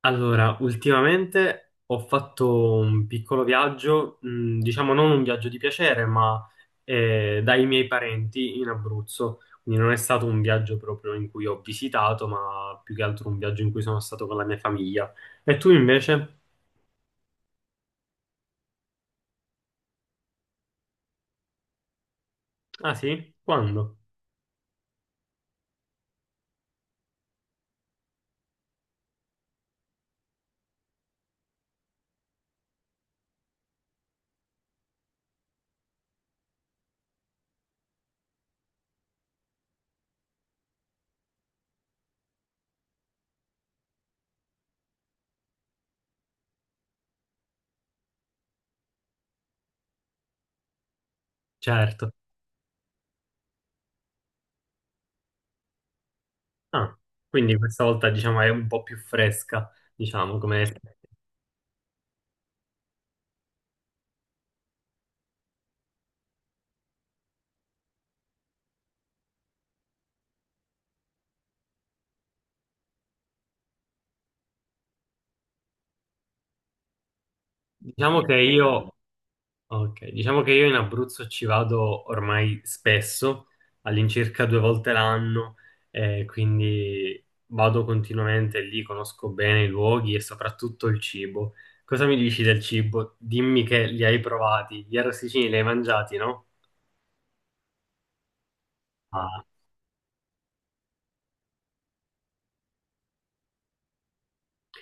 Allora, ultimamente ho fatto un piccolo viaggio, diciamo non un viaggio di piacere, ma dai miei parenti in Abruzzo. Quindi non è stato un viaggio proprio in cui ho visitato, ma più che altro un viaggio in cui sono stato con la mia famiglia. E tu invece? Ah sì? Quando? Certo. Ah, quindi questa volta diciamo è un po' più fresca, diciamo come... Diciamo che io Ok, diciamo che io in Abruzzo ci vado ormai spesso, all'incirca due volte l'anno, quindi vado continuamente lì, conosco bene i luoghi e soprattutto il cibo. Cosa mi dici del cibo? Dimmi che li hai provati, gli arrosticini li hai mangiati, no? Ah,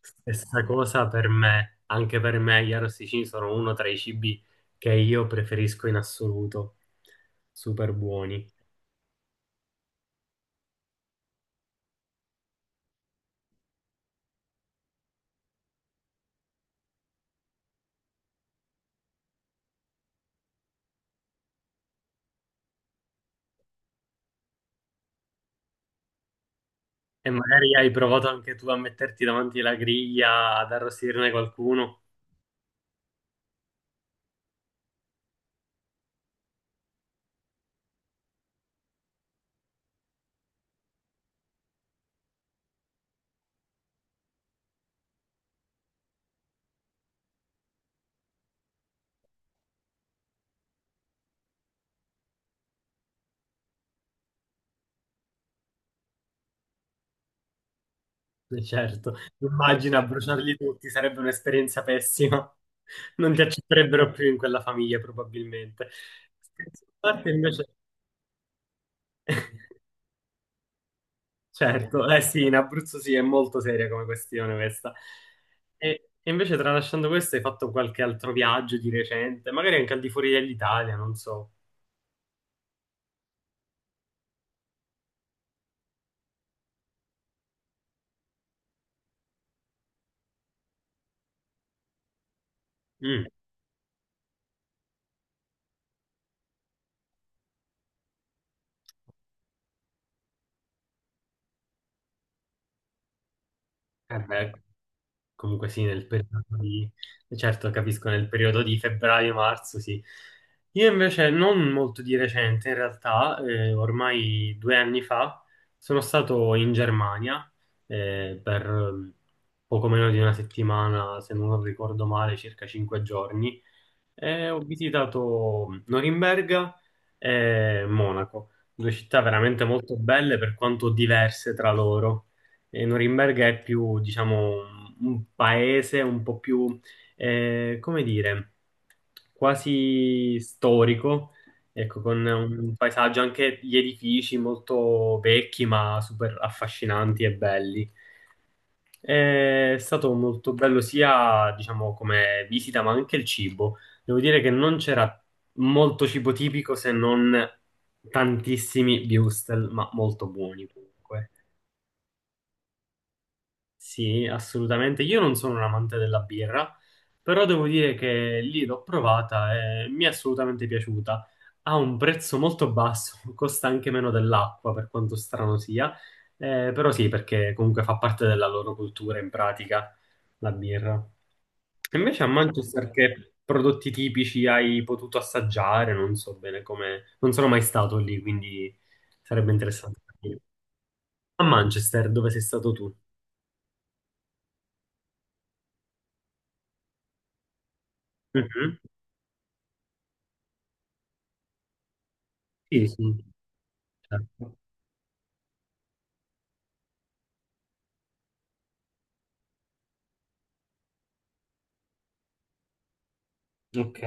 stessa cosa per me, anche per me gli arrosticini sono uno tra i cibi che io preferisco in assoluto, super buoni. E magari hai provato anche tu a metterti davanti la griglia, ad arrostirne qualcuno. Certo, immagina bruciarli tutti, sarebbe un'esperienza pessima. Non ti accetterebbero più in quella famiglia, probabilmente. Scherzi a parte invece, certo, eh sì, in Abruzzo sì, è molto seria come questione questa. E invece, tralasciando questo, hai fatto qualche altro viaggio di recente, magari anche al di fuori dell'Italia, non so. Mm. Eh beh, comunque sì, nel periodo di... Certo, capisco, nel periodo di febbraio-marzo, sì. Io invece, non molto di recente, in realtà, ormai 2 anni fa, sono stato in Germania per poco meno di una settimana, se non ricordo male, circa 5 giorni, e ho visitato Norimberga e Monaco, due città veramente molto belle per quanto diverse tra loro. E Norimberga è più, diciamo, un paese un po' più, come dire, quasi storico, ecco, con un paesaggio, anche gli edifici molto vecchi, ma super affascinanti e belli. È stato molto bello sia, diciamo, come visita, ma anche il cibo. Devo dire che non c'era molto cibo tipico se non tantissimi würstel, ma molto buoni comunque. Sì, assolutamente. Io non sono un amante della birra, però devo dire che lì l'ho provata e mi è assolutamente piaciuta. Ha un prezzo molto basso, costa anche meno dell'acqua, per quanto strano sia. Però sì, perché comunque fa parte della loro cultura in pratica la birra. E invece a Manchester che prodotti tipici hai potuto assaggiare? Non so bene come... Non sono mai stato lì, quindi sarebbe interessante capire. A Manchester, dove sei stato tu? Mhm. Sì, sì, certo. Ok.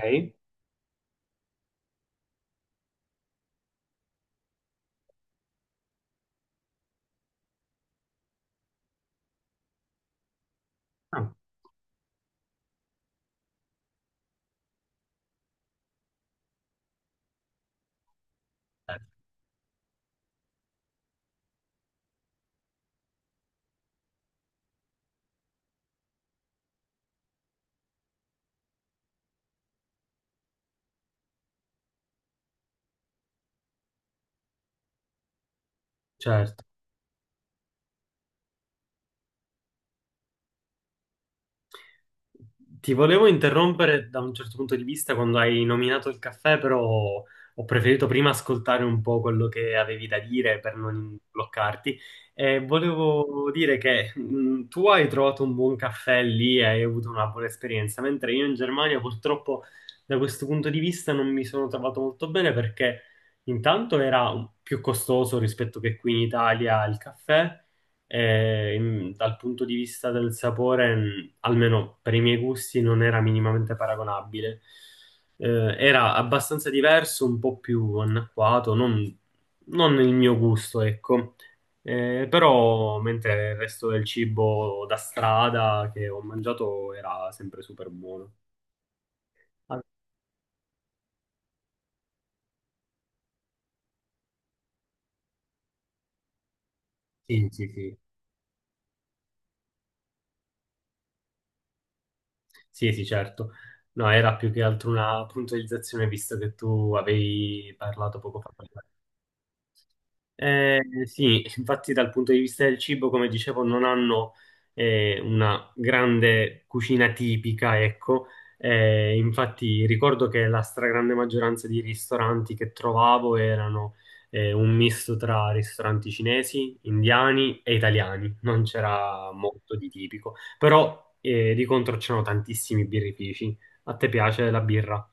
Ah, certo. Certo. Ti volevo interrompere da un certo punto di vista quando hai nominato il caffè, però ho preferito prima ascoltare un po' quello che avevi da dire per non bloccarti. E volevo dire che tu hai trovato un buon caffè lì e hai avuto una buona esperienza, mentre io in Germania purtroppo da questo punto di vista non mi sono trovato molto bene perché intanto era più costoso rispetto che qui in Italia il caffè. E, dal punto di vista del sapore, almeno per i miei gusti, non era minimamente paragonabile. Eh, Era abbastanza diverso, un po' più anacquato, non il mio gusto, ecco. Però, mentre il resto del cibo da strada che ho mangiato era sempre super buono. Ah, sì, sì, sì, sì, sì, certo. No, era più che altro una puntualizzazione, visto che tu avevi parlato poco fa. Sì, infatti dal punto di vista del cibo, come dicevo, non hanno una grande cucina tipica, ecco. Infatti ricordo che la stragrande maggioranza di ristoranti che trovavo erano un misto tra ristoranti cinesi, indiani e italiani. Non c'era molto di tipico, però di contro c'erano tantissimi birrifici. A te piace la birra?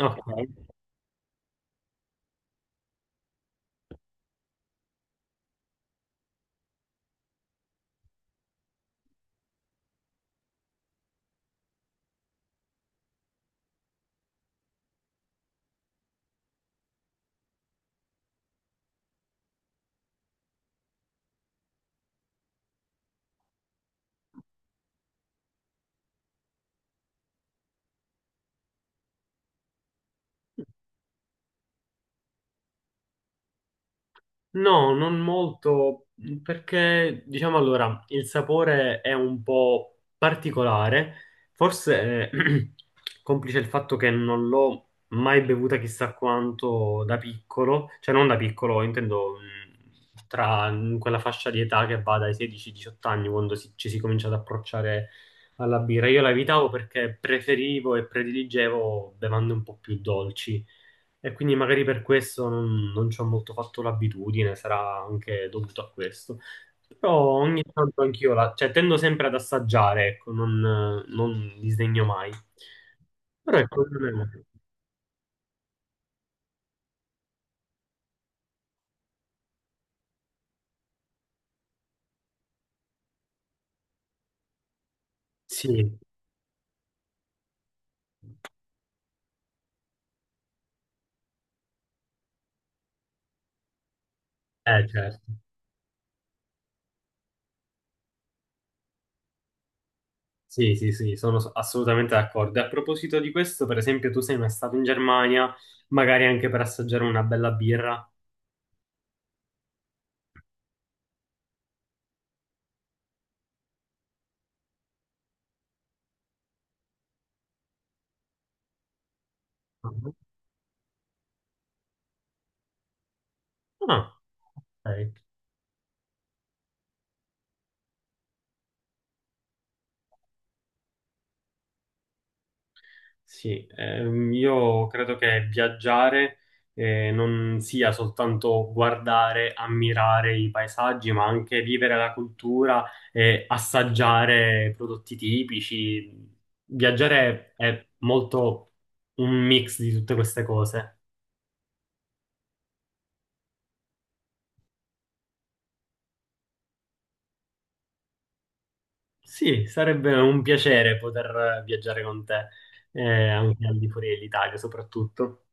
Ok. No, non molto, perché diciamo allora, il sapore è un po' particolare, forse complice il fatto che non l'ho mai bevuta chissà quanto da piccolo, cioè non da piccolo, intendo tra quella fascia di età che va dai 16-18 anni, quando ci si comincia ad approcciare alla birra. Io la evitavo perché preferivo e prediligevo bevande un po' più dolci. E quindi magari per questo non ci ho molto fatto l'abitudine, sarà anche dovuto a questo. Però ogni tanto anch'io la, cioè tendo sempre ad assaggiare, ecco, non disdegno mai. Però ecco, non è- sì, certo. Sì, sì, sì, sono assolutamente d'accordo. E a proposito di questo, per esempio, tu sei mai stato in Germania, magari anche per assaggiare una bella birra? Ah, ok. Sì, io credo che viaggiare non sia soltanto guardare, ammirare i paesaggi, ma anche vivere la cultura e assaggiare prodotti tipici. Viaggiare è molto un mix di tutte queste cose. Sì, sarebbe un piacere poter viaggiare con te, anche al di fuori dell'Italia soprattutto.